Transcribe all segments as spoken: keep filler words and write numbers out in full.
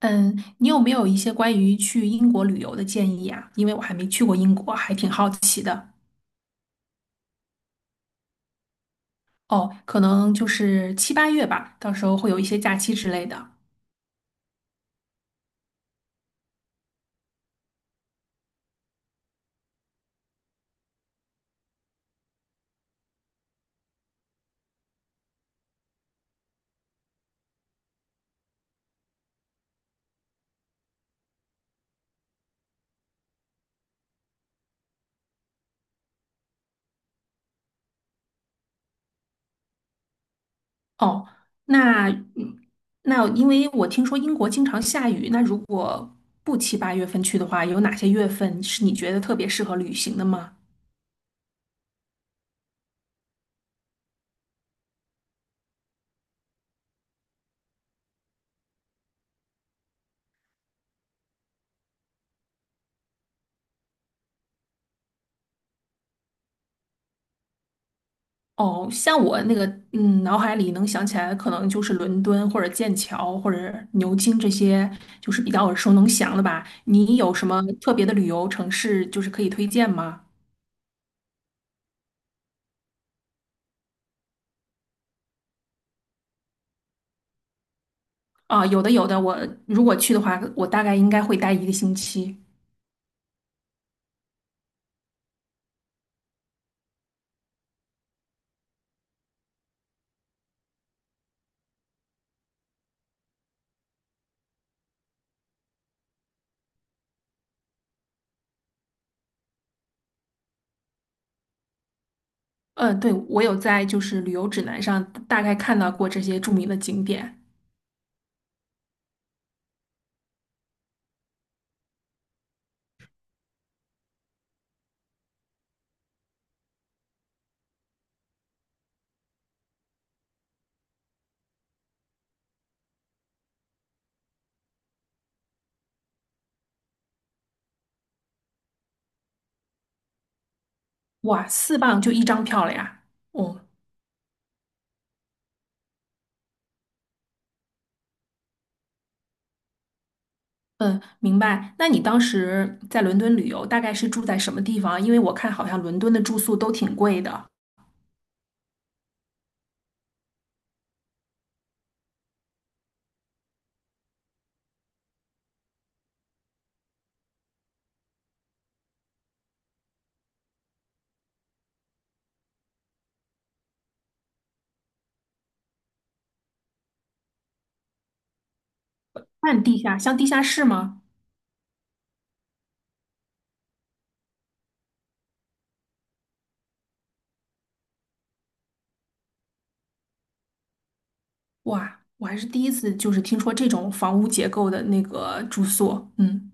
嗯，你有没有一些关于去英国旅游的建议啊？因为我还没去过英国，还挺好奇的。哦，可能就是七八月吧，到时候会有一些假期之类的。哦，那嗯那因为我听说英国经常下雨，那如果不七八月份去的话，有哪些月份是你觉得特别适合旅行的吗？哦，像我那个，嗯，脑海里能想起来的，可能就是伦敦或者剑桥或者牛津这些，就是比较耳熟能详的吧。你有什么特别的旅游城市，就是可以推荐吗？啊，有的，有的。我如果去的话，我大概应该会待一个星期。嗯，对，我有在就是旅游指南上大概看到过这些著名的景点。哇，四磅就一张票了呀！哦。嗯，明白。那你当时在伦敦旅游，大概是住在什么地方？因为我看好像伦敦的住宿都挺贵的。半地下，像地下室吗？哇，我还是第一次就是听说这种房屋结构的那个住宿。嗯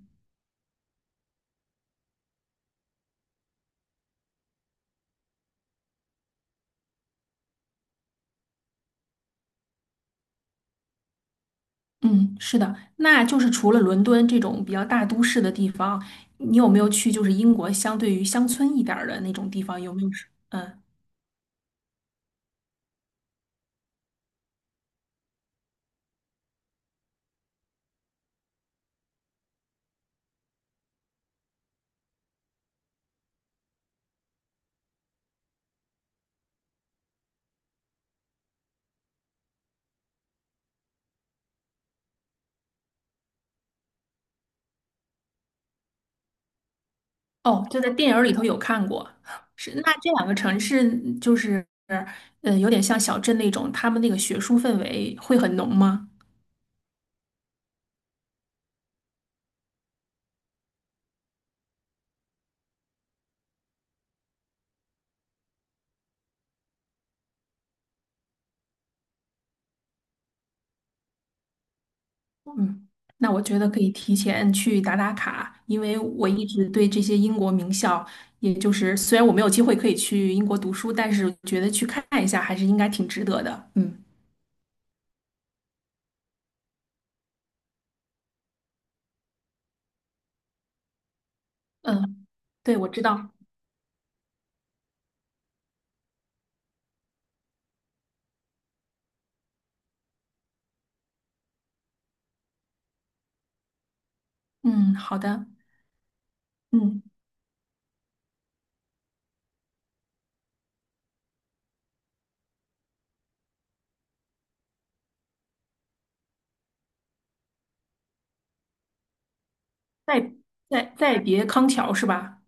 嗯，是的。那就是除了伦敦这种比较大都市的地方，你有没有去就是英国相对于乡村一点儿的那种地方？有没有是嗯。哦，就在电影儿里头有看过，是那这两个城市就是，呃，有点像小镇那种，他们那个学术氛围会很浓吗？嗯，那我觉得可以提前去打打卡，因为我一直对这些英国名校，也就是虽然我没有机会可以去英国读书，但是觉得去看一下还是应该挺值得的。嗯嗯，对，我知道。嗯，好的。嗯，再再再别康桥是吧？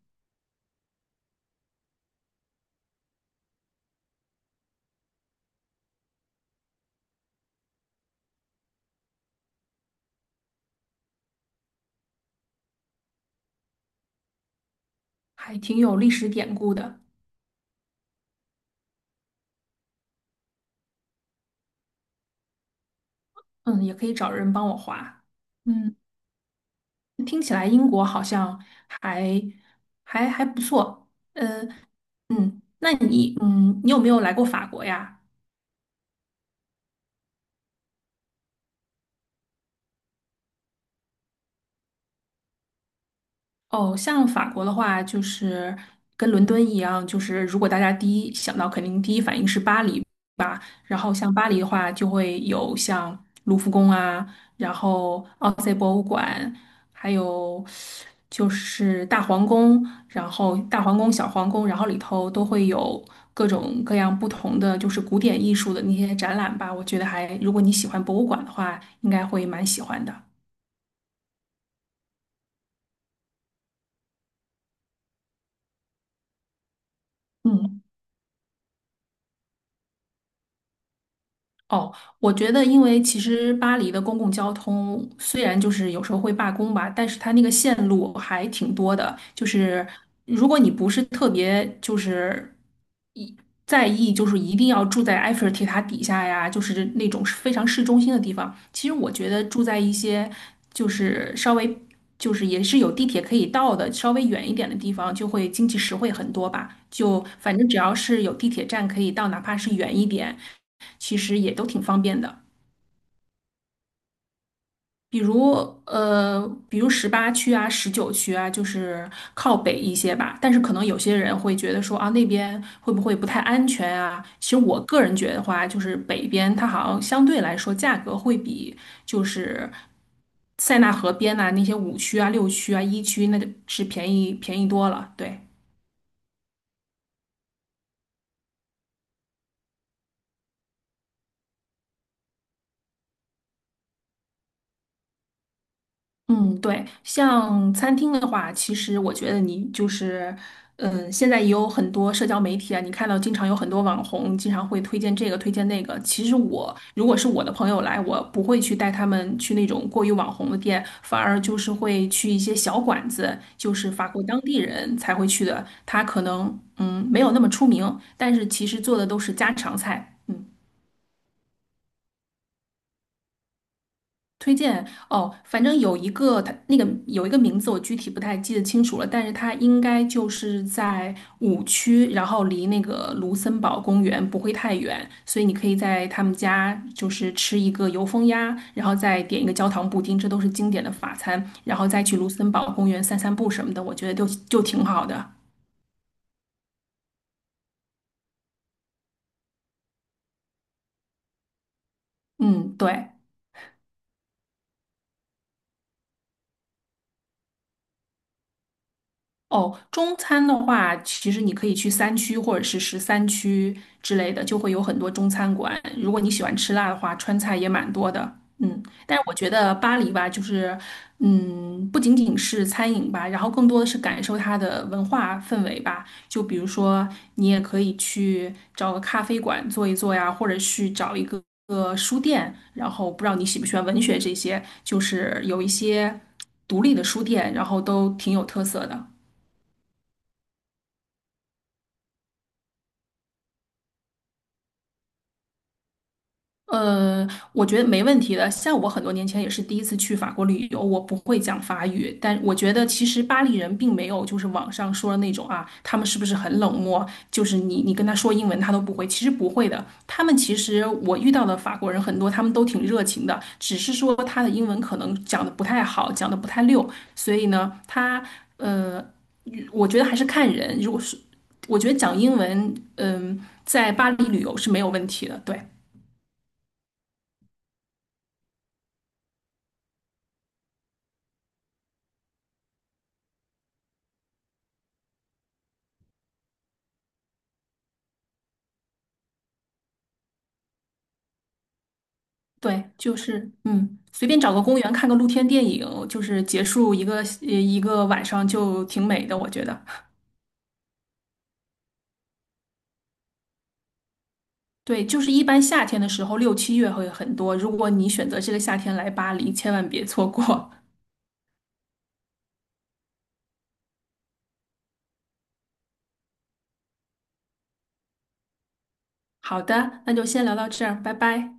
还挺有历史典故的。嗯，也可以找人帮我划。嗯，听起来英国好像还还还不错。呃，嗯，那你嗯，你有没有来过法国呀？哦，像法国的话，就是跟伦敦一样，就是如果大家第一想到，肯定第一反应是巴黎。然后像巴黎的话，就会有像卢浮宫啊，然后奥赛博物馆，还有就是大皇宫，然后大皇宫、小皇宫，然后里头都会有各种各样不同的就是古典艺术的那些展览吧。我觉得还，如果你喜欢博物馆的话，应该会蛮喜欢的。嗯。哦，我觉得，因为其实巴黎的公共交通虽然就是有时候会罢工吧，但是它那个线路还挺多的。就是如果你不是特别就是在意，就是一定要住在埃菲尔铁塔底下呀，就是那种非常市中心的地方，其实我觉得住在一些就是稍微就是也是有地铁可以到的，稍微远一点的地方，就会经济实惠很多吧。就反正只要是有地铁站可以到，哪怕是远一点，其实也都挺方便的。比如呃，比如十八区啊、十九区啊，就是靠北一些吧。但是可能有些人会觉得说啊，那边会不会不太安全啊？其实我个人觉得话，就是北边它好像相对来说价格会比就是塞纳河边呐、那些五区啊、六区啊、一区那个是便宜便宜多了。对，嗯，对，像餐厅的话，其实我觉得你就是，嗯，现在也有很多社交媒体啊，你看到经常有很多网红经常会推荐这个推荐那个。其实我如果是我的朋友来，我不会去带他们去那种过于网红的店，反而就是会去一些小馆子，就是法国当地人才会去的，他可能嗯没有那么出名，但是其实做的都是家常菜。嗯。推荐哦，反正有一个它那个有一个名字，我具体不太记得清楚了，但是它应该就是在五区，然后离那个卢森堡公园不会太远，所以你可以在他们家就是吃一个油封鸭，然后再点一个焦糖布丁，这都是经典的法餐，然后再去卢森堡公园散散步什么的，我觉得就就挺好的。嗯，对。哦，中餐的话，其实你可以去三区或者是十三区之类的，就会有很多中餐馆。如果你喜欢吃辣的话，川菜也蛮多的。嗯，但是我觉得巴黎吧，就是，嗯，不仅仅是餐饮吧，然后更多的是感受它的文化氛围吧。就比如说，你也可以去找个咖啡馆坐一坐呀，或者去找一个个书店。然后不知道你喜不喜欢文学这些，就是有一些独立的书店，然后都挺有特色的。呃，我觉得没问题的。像我很多年前也是第一次去法国旅游，我不会讲法语，但我觉得其实巴黎人并没有就是网上说的那种啊，他们是不是很冷漠？就是你你跟他说英文他都不会，其实不会的。他们其实我遇到的法国人很多，他们都挺热情的，只是说他的英文可能讲的不太好，讲的不太溜，所以呢，他呃，我觉得还是看人。如果是我觉得讲英文，嗯、在巴黎旅游是没有问题的，对。对，就是嗯，随便找个公园看个露天电影，就是结束一个一个晚上就挺美的，我觉得。对，就是一般夏天的时候，六七月会很多。如果你选择这个夏天来巴黎，千万别错过。好的，那就先聊到这儿，拜拜。